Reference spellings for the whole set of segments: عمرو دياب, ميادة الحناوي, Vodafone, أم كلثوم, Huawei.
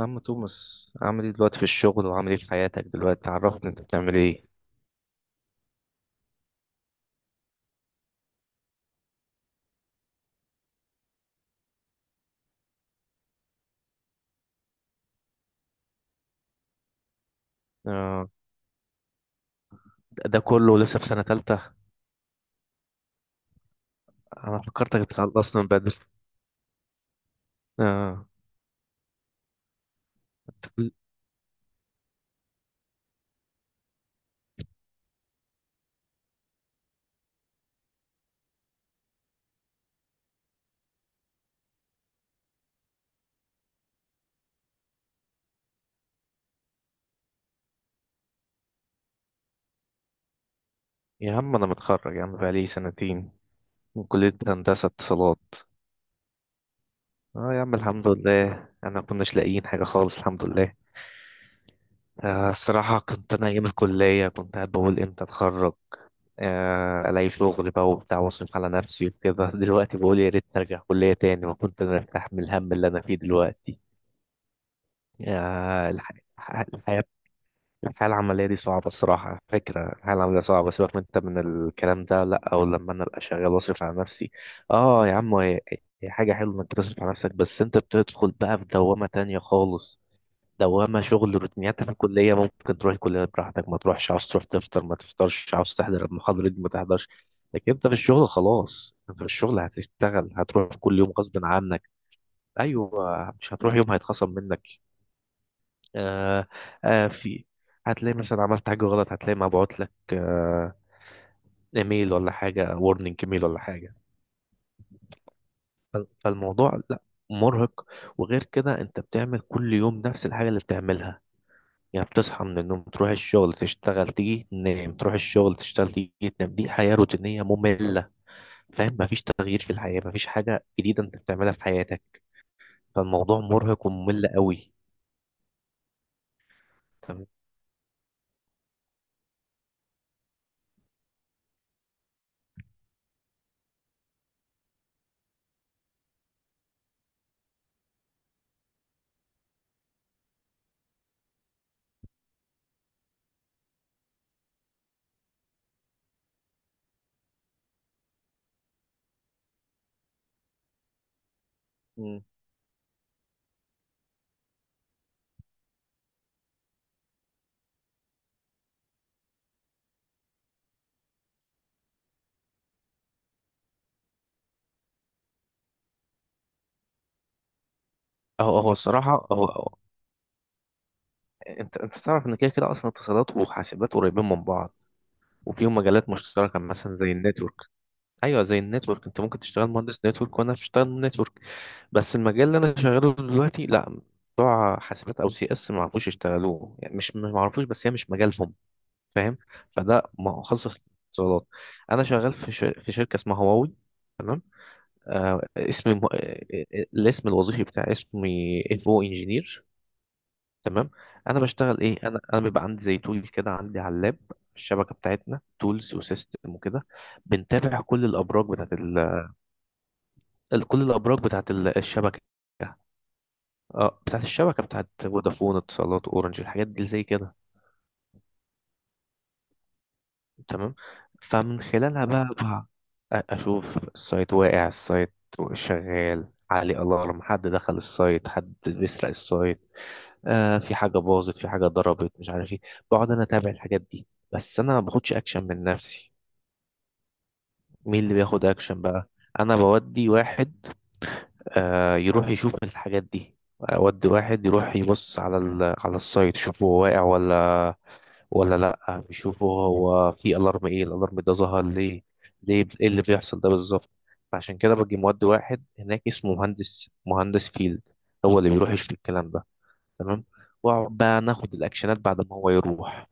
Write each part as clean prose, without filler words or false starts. عم توماس عامل ايه دلوقتي في الشغل وعامل ايه في حياتك دلوقتي؟ عرفني انت بتعمل ايه؟ آه. ده كله لسه في سنة تالتة؟ انا فكرتك اتخلصت من بدري. آه. يا عم انا متخرج يا عم بقالي سنتين من كلية هندسة اتصالات. اه يا عم الحمد لله انا كناش لاقيين حاجة خالص الحمد لله. الصراحة كنت انا ايام الكلية كنت قاعد بقول امتى اتخرج، الاقي شغل بقى وبتاع واصرف على نفسي وكده. دلوقتي بقول يا ريت ارجع كلية تاني وكنت انا ارتاح من الهم اللي انا فيه دلوقتي. يا الح... الح- الحياة الحياة العملية دي صعبة. الصراحة، على فكرة الحياة العملية صعبة، سيبك من انت من الكلام ده، لا او لما انا ابقى شغال واصرف على نفسي. اه يا عم، هي حاجة حلوة انك تصرف على نفسك، بس انت بتدخل بقى في دوامة تانية خالص. دوامة شغل، روتينيات. في الكلية ممكن تروح الكلية براحتك، ما تروحش، عاوز تروح تفطر ما تفطرش، عاوز تحضر المحاضرة دي ما تحضرش. لكن انت في الشغل خلاص، انت في الشغل هتشتغل، هتروح كل يوم غصب عنك. ايوه، مش هتروح يوم هيتخصم منك. آه آه في هتلاقي مثلا عملت حاجة غلط، هتلاقي مبعوت لك آه ايميل ولا حاجة، وورنينج ايميل ولا حاجة. فالموضوع لا، مرهق. وغير كده انت بتعمل كل يوم نفس الحاجة اللي بتعملها، يعني بتصحى من النوم تروح الشغل تشتغل تيجي تنام، تروح الشغل تشتغل تيجي تنام. دي حياة روتينية مملة، فاهم؟ مفيش تغيير في الحياة، مفيش حاجة جديدة انت بتعملها في حياتك. فالموضوع مرهق وممل قوي. تمام. مم. هو الصراحة هو، انت تعرف ان كده كده اصلا اتصالات وحاسبات قريبين من بعض، وفيهم مجالات مشتركه مثلا زي النتورك. ايوه، زي النتورك. انت ممكن تشتغل مهندس نتورك وانا بشتغل نتورك، بس المجال اللي انا شغاله دلوقتي لا. بتوع حاسبات او سي اس ما عرفوش يشتغلوه، يعني مش ما عرفوش بس هي مش مجالهم، فاهم؟ فده مخصص اتصالات. انا شغال في في شركه اسمها هواوي، تمام. آه اسمي م... آه، آه، آه، الاسم الوظيفي بتاعي، اسمي انفو انجينير، تمام. انا بشتغل ايه؟ انا بيبقى عندي زي تول كده، عندي على اللاب الشبكه بتاعتنا، تولز وسيستم وكده، بنتابع كل الابراج بتاعت الشبكه. اه، بتاعت الشبكه بتاعت فودافون، اتصالات، اورنج، الحاجات دي زي كده. تمام. فمن خلالها بقى اشوف السايت، واقع السايت، شغال، عليه الارم، حد دخل السايت، حد بيسرق السايت، آه في حاجة باظت، في حاجة ضربت، مش عارف ايه. بقعد انا اتابع الحاجات دي، بس انا ما باخدش اكشن من نفسي. مين اللي بياخد اكشن بقى؟ انا بودي واحد آه يروح يشوف الحاجات دي، اودي واحد يروح يبص على السايت، يشوفه هو واقع ولا لا، يشوفه هو في الارم، ايه الالارم ده، ظهر ليه ايه اللي بيحصل ده بالظبط. فعشان كده باجي مودي واحد هناك اسمه مهندس فيلد، هو اللي بيروح يشوف الكلام ده، تمام. واقعد بقى ناخد الاكشنات بعد ما هو يروح.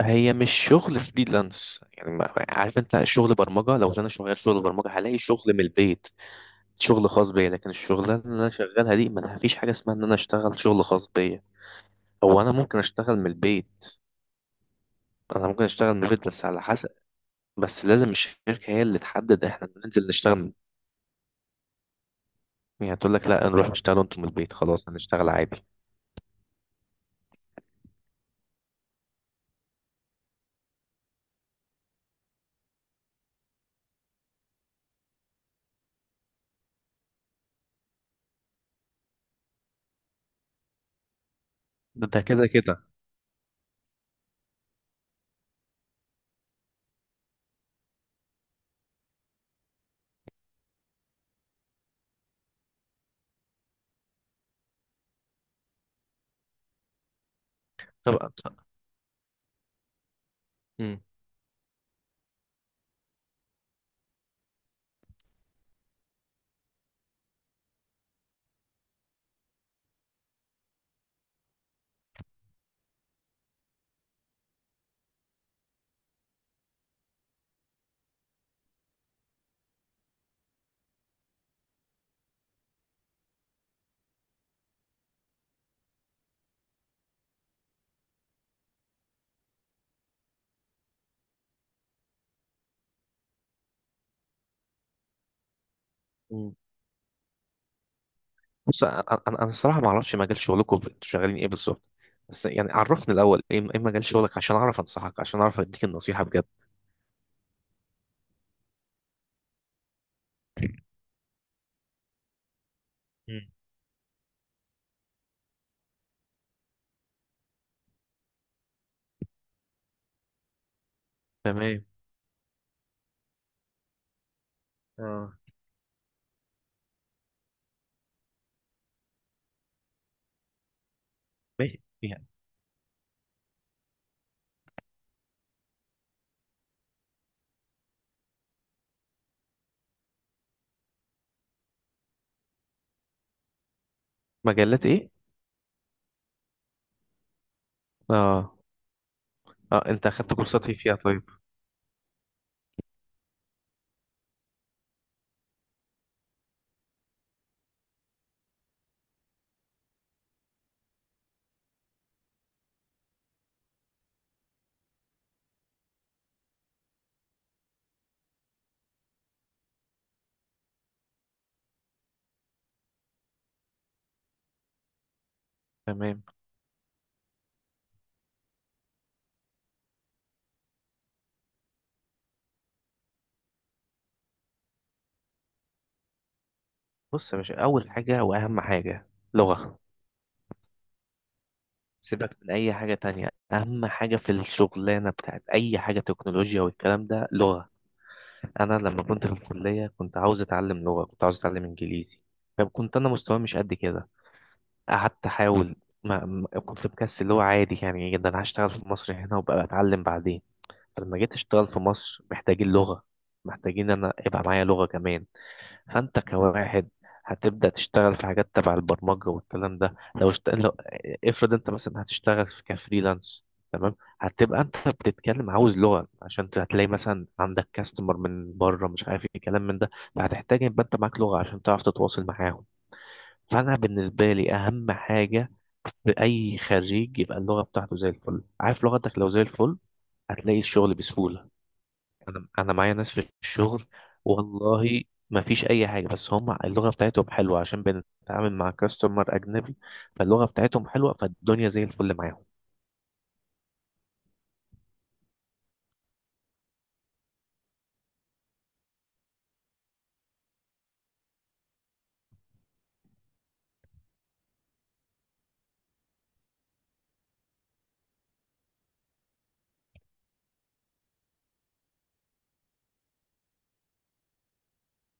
هي مش شغل فريلانس، يعني عارف انت، شغل برمجه. لو انا شغال شغل برمجه هلاقي شغل من البيت، شغل خاص بيا. لكن الشغلانه اللي انا شغالها دي ما فيش حاجه اسمها ان انا اشتغل شغل خاص بيا. هو انا ممكن اشتغل من البيت، انا ممكن اشتغل من البيت بس على حسب. بس لازم الشركه هي اللي تحدد، احنا ننزل نشتغل من- يعني تقول لك لا، نروح نشتغل انتم من البيت، خلاص هنشتغل عادي. ده كده كده. طبعا. مم. بص، انا انا أنا الصراحه ما اعرفش مجال شغلكم انتوا شغالين ايه بالظبط، بس يعني عرفني الاول ايه مجال شغلك عشان اعرف انصحك، عشان اعرف اديك النصيحه بجد. مم. تمام. اه. ماشي يعني. مجالات ايه؟ اه. اه، انت اخدت كورسات ايه فيها طيب؟ تمام. بص يا باشا، اول حاجه واهم حاجه: لغه. سيبك من اي حاجه تانية، اهم حاجه في الشغلانه بتاعت اي حاجه تكنولوجيا والكلام ده لغه. انا لما كنت في الكليه كنت عاوز اتعلم لغه، كنت عاوز اتعلم انجليزي، فكنت انا مستواي مش قد كده. قعدت احاول، كنت مكسل اللي هو عادي يعني جدا. أنا هشتغل في مصر هنا وبقى اتعلم بعدين. فلما جيت اشتغل في مصر محتاجين لغة، محتاجين انا يبقى معايا لغة كمان. فانت كواحد هتبدأ تشتغل في حاجات تبع البرمجة والكلام ده، لو افرض انت مثلا هتشتغل في كفريلانس، تمام. هتبقى انت بتتكلم، عاوز لغة، عشان هتلاقي مثلا عندك كاستمر من بره، مش عارف ايه كلام من ده. فهتحتاج يبقى انت معاك لغة عشان تعرف تتواصل معاهم. فانا بالنسبة لي اهم حاجة بأي خريج يبقى اللغة بتاعته زي الفل. عارف لغتك لو زي الفل، هتلاقي الشغل بسهولة. أنا معايا ناس في الشغل، والله ما فيش أي حاجة، بس هم اللغة بتاعتهم حلوة عشان بنتعامل مع كاستمر أجنبي، فاللغة بتاعتهم حلوة فالدنيا زي الفل معاهم.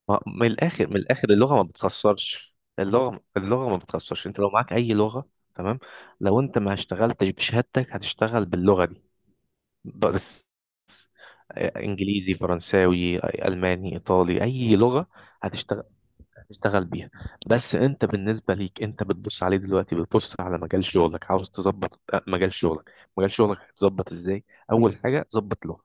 من الآخر، من الآخر اللغة ما بتخسرش، اللغة ما بتخسرش، أنت لو معاك أي لغة، تمام. لو أنت ما اشتغلتش بشهادتك هتشتغل باللغة دي بس. انجليزي، فرنساوي، الماني، ايطالي، اي لغه هتشتغل، هتشتغل بيها. بس انت بالنسبه ليك انت بتبص عليه دلوقتي، بتبص على مجال شغلك، عاوز تظبط مجال شغلك. مجال شغلك هتظبط ازاي؟ اول حاجه: ظبط لغه.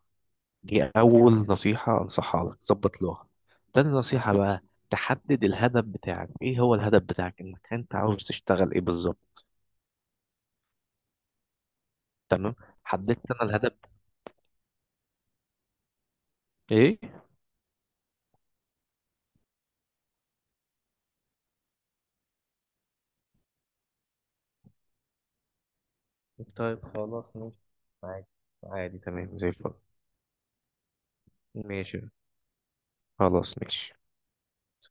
دي اول نصيحه انصحها لك: ظبط لغه. تاني نصيحه بقى: تحدد الهدف بتاعك، ايه هو الهدف بتاعك انك انت عاوز تشتغل ايه بالظبط. تمام. حددت انا الهدف. ايه؟ طيب خلاص، ماشي. عادي. عادي تمام زي الفل. ماشي. خلاص، ماشي.